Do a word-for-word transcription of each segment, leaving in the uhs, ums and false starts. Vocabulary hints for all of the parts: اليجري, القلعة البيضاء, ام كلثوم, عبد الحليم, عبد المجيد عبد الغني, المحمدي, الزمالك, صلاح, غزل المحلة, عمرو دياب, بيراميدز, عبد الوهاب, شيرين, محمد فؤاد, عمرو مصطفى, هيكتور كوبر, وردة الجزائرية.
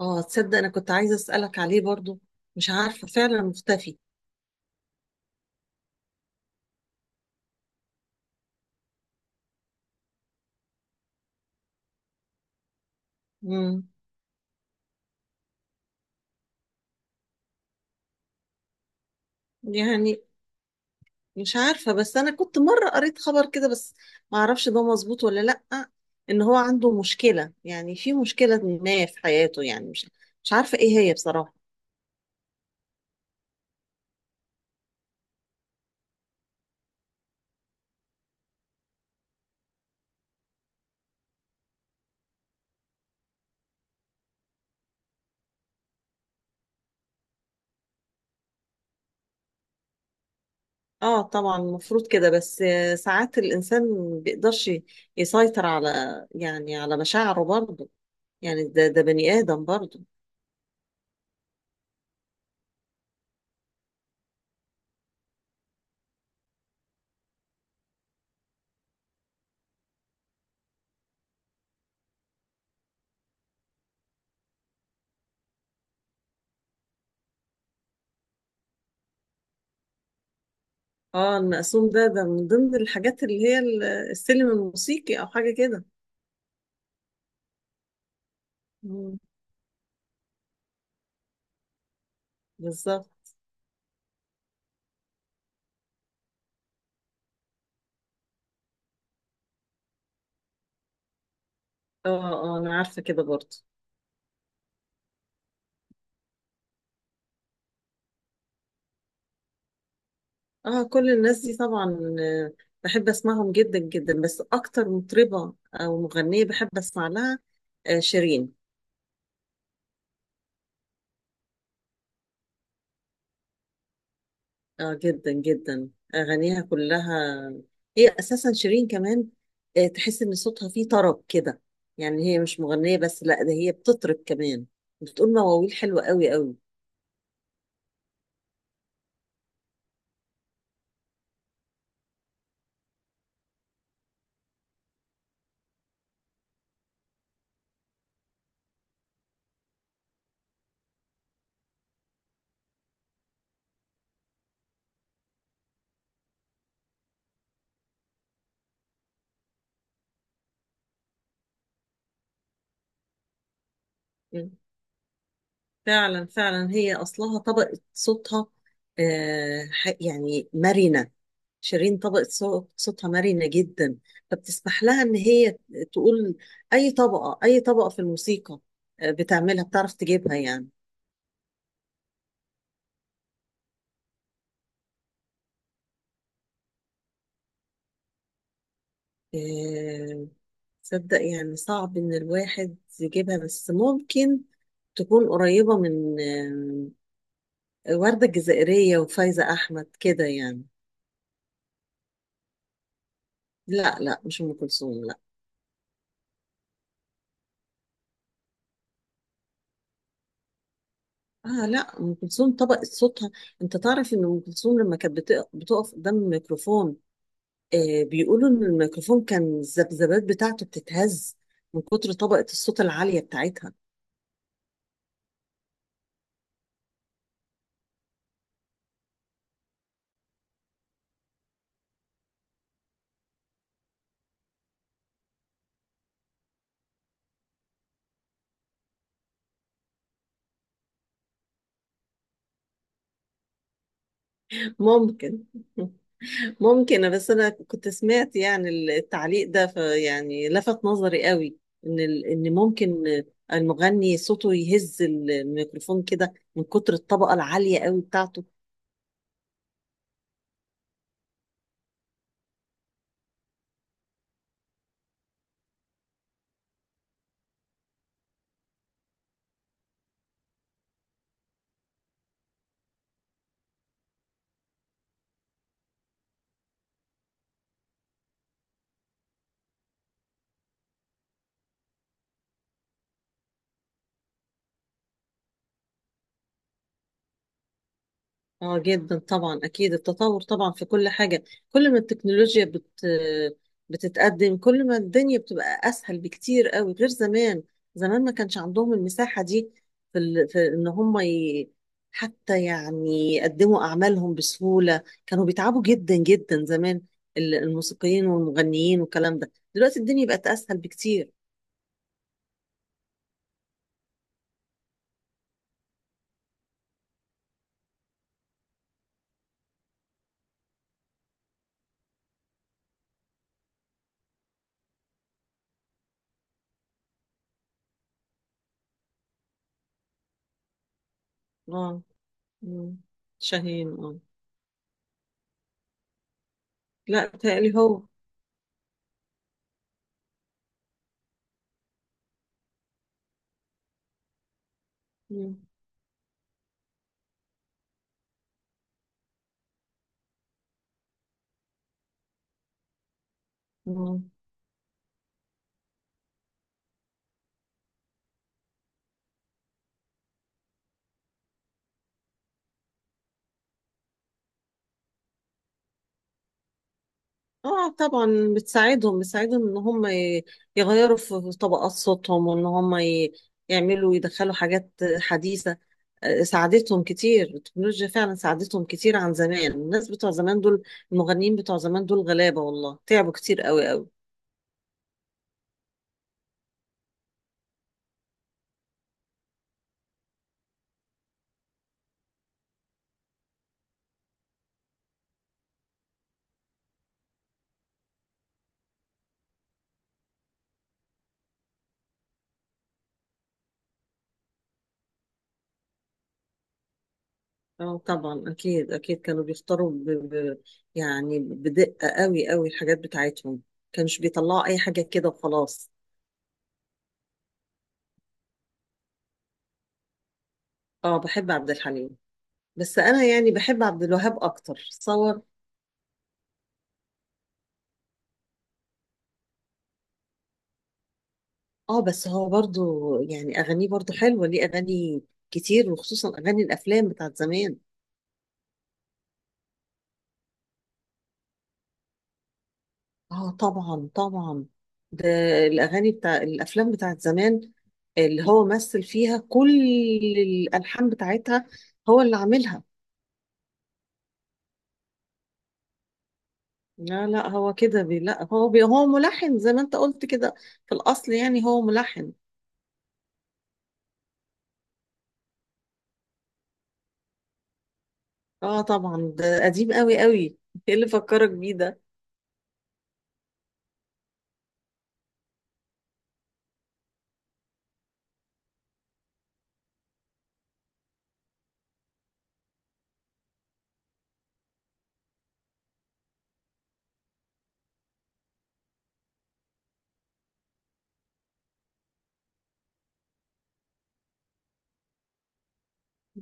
اه، تصدق؟ انا كنت عايزه اسالك عليه برضو. مش عارفه، فعلا مختفي. امم يعني مش عارفه، بس انا كنت مره قريت خبر كده، بس ما اعرفش ده مظبوط ولا لا. ان هو عنده مشكله، يعني في مشكله ما في حياته، يعني مش مش عارفه ايه هي بصراحه. اه طبعا المفروض كده، بس آه، ساعات الانسان ما بيقدرش يسيطر على، يعني على مشاعره برضو، يعني ده ده بني ادم برضو. اه، المقسوم ده، ده من ضمن الحاجات اللي هي ال- السلم الموسيقي او حاجه كده. مم. بالظبط. اه، اه، انا عارفه كده برضه. اه، كل الناس دي طبعا، آه، بحب اسمعهم جدا جدا، بس اكتر مطربه او مغنيه بحب اسمع لها آه، شيرين. اه، جدا جدا، اغانيها كلها. هي اساسا شيرين كمان، آه، تحس ان صوتها فيه طرب كده. يعني هي مش مغنيه بس، لا، ده هي بتطرب كمان، بتقول مواويل حلوه قوي قوي. فعلا فعلا هي اصلها طبقة صوتها، آه ح- يعني مرنة. شيرين طبقة صو- صوتها مرنة جدا، فبتسمح لها ان هي تقول اي طبقة اي طبقة في الموسيقى، آه، بتعملها، بتعرف تجيبها يعني. آه، تصدق، يعني صعب ان الواحد يجيبها، بس ممكن تكون قريبة من آه، وردة الجزائرية وفايزة احمد كده يعني. لا، لا، مش ام كلثوم، لا. اه، لا، ام كلثوم طبقت صوتها. انت تعرف ان ام كلثوم لما كانت بت- بتقف قدام الميكروفون، آه بيقولوا ان الميكروفون كان الذبذبات بتاعته بتتهز من كتر طبقة الصوت العالية بتاعتها. ممكن. ممكن، بس انا كنت سمعت يعني التعليق ده، فيعني لفت نظري قوي، ان ال- ان ممكن المغني صوته يهز الميكروفون كده من كتر الطبقة العالية قوي بتاعته. اه جدا طبعا، اكيد التطور طبعا في كل حاجه. كل ما التكنولوجيا بت بتتقدم، كل ما الدنيا بتبقى اسهل بكتير قوي غير زمان. زمان ما كانش عندهم المساحه دي في, ال... في ان هم ي... حتى يعني يقدموا اعمالهم بسهوله، كانوا بيتعبوا جدا جدا زمان، ال- الموسيقيين والمغنيين والكلام ده. دلوقتي الدنيا بقت اسهل بكتير. اه. مم. شاهين، اه. لا، تقلي هو. مم. مم. اه طبعا بتساعدهم بتساعدهم، ان هم ي- يغيروا في طبقات صوتهم، وان هم ي- يعملوا، يدخلوا حاجات حديثة. آه، ساعدتهم كتير التكنولوجيا، فعلا ساعدتهم كتير عن زمان. الناس بتوع زمان دول، المغنيين بتوع زمان دول غلابة والله، تعبوا كتير قوي قوي. اه طبعا، اكيد، اكيد كانوا بيختاروا ب... ب... يعني بدقة قوي قوي الحاجات بتاعتهم، كانش بيطلعوا اي حاجة كده وخلاص. اه، بحب عبد الحليم، بس انا يعني بحب عبد الوهاب اكتر صور. اه، بس هو برضو يعني اغانيه برضو حلوه، ليه اغاني كتير، وخصوصا اغاني الافلام بتاعت زمان. اه، طبعا، طبعا. ده الاغاني بتاع الافلام بتاعت زمان اللي هو مثل فيها، كل الالحان بتاعتها هو اللي عاملها. لا، لا، هو كده بي، لا، هو بي، هو ملحن زي ما انت قلت كده، في الاصل يعني هو ملحن. اه طبعا، ده قديم قوي قوي. ايه اللي فكرك بيه ده؟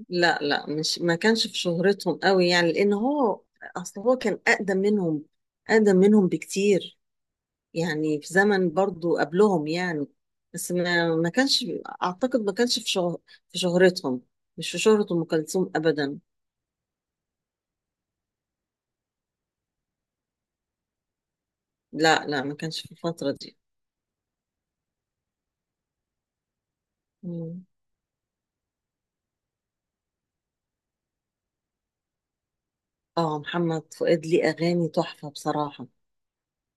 لا، لا، مش، ما كانش في شهرتهم قوي، يعني لان هو اصل هو كان اقدم منهم، اقدم منهم بكتير. يعني في زمن برضو قبلهم يعني، بس ما ما كانش، اعتقد ما كانش في شهر، في شهرتهم، مش في شهرة ام كلثوم ابدا. لا، لا، ما كانش في الفترة دي. مم. اه، محمد فؤاد ليه اغاني تحفة بصراحة،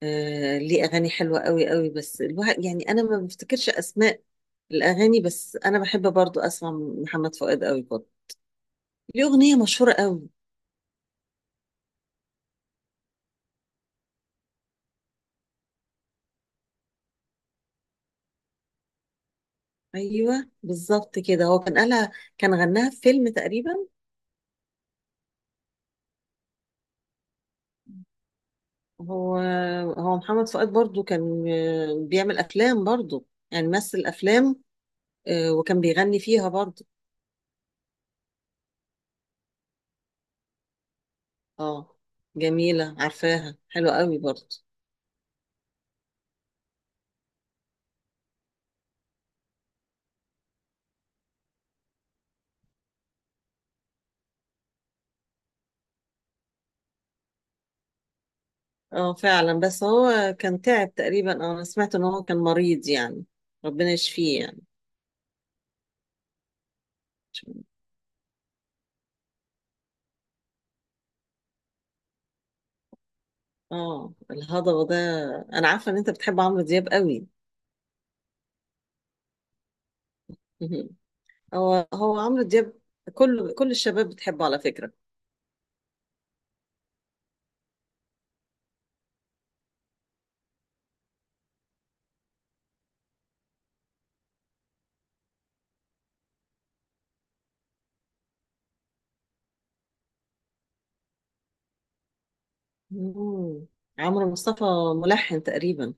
آه ليه اغاني حلوة قوي قوي. بس الواحد يعني انا ما بفتكرش اسماء الاغاني، بس انا بحب برضو اسمع محمد فؤاد قوي برضو، ليه أغنية مشهورة قوي. أيوة بالظبط كده، هو كان قالها، كان غناها في فيلم تقريبا. هو هو محمد فؤاد برضو كان آه، بيعمل أفلام برضو، يعني مثل أفلام، آه، وكان بيغني فيها برضو. اه، جميلة، عارفاها حلوة قوي برضو. اه، فعلا، بس هو كان تعب تقريبا. اه، انا سمعت ان هو كان مريض يعني، ربنا يشفيه يعني. اه، الهضبة ده. انا عارفة ان انت بتحب عمرو دياب قوي. هو هو عمرو دياب، كل كل الشباب بتحبه على فكرة. مم. عمرو مصطفى ملحن تقريبا.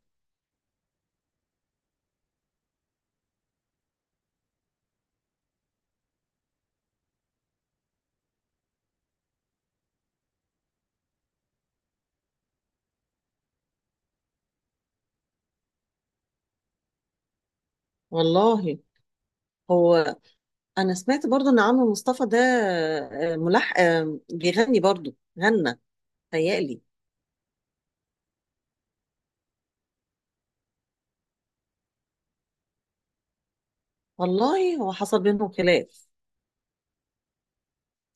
والله هو، أنا سمعت برضو إن عمرو مصطفى ده آه، ملح آه، بيغني برضو، غنى تهيألي. والله هو حصل بينهم خلاف.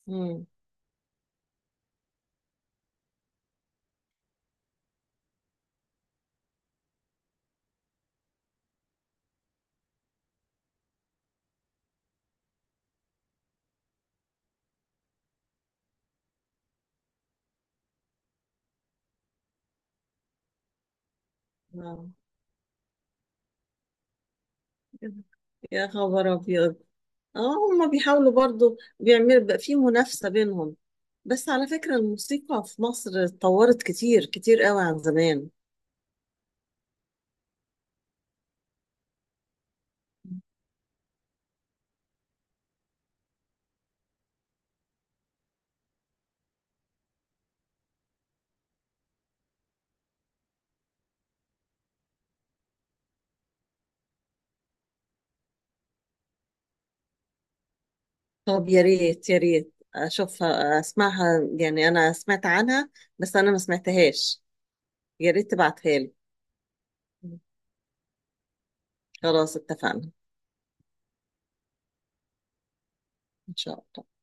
مم. آه. يا خبر أبيض. اه، هما بيحاولوا برضو، بيعملوا بقى في منافسة بينهم، بس على فكرة الموسيقى في مصر اتطورت كتير كتير قوي عن زمان. طب يا ريت يا ريت اشوفها، اسمعها يعني، انا سمعت عنها بس انا ما سمعتهاش. يا ريت تبعتها لي. خلاص، اتفقنا. ان شاء الله.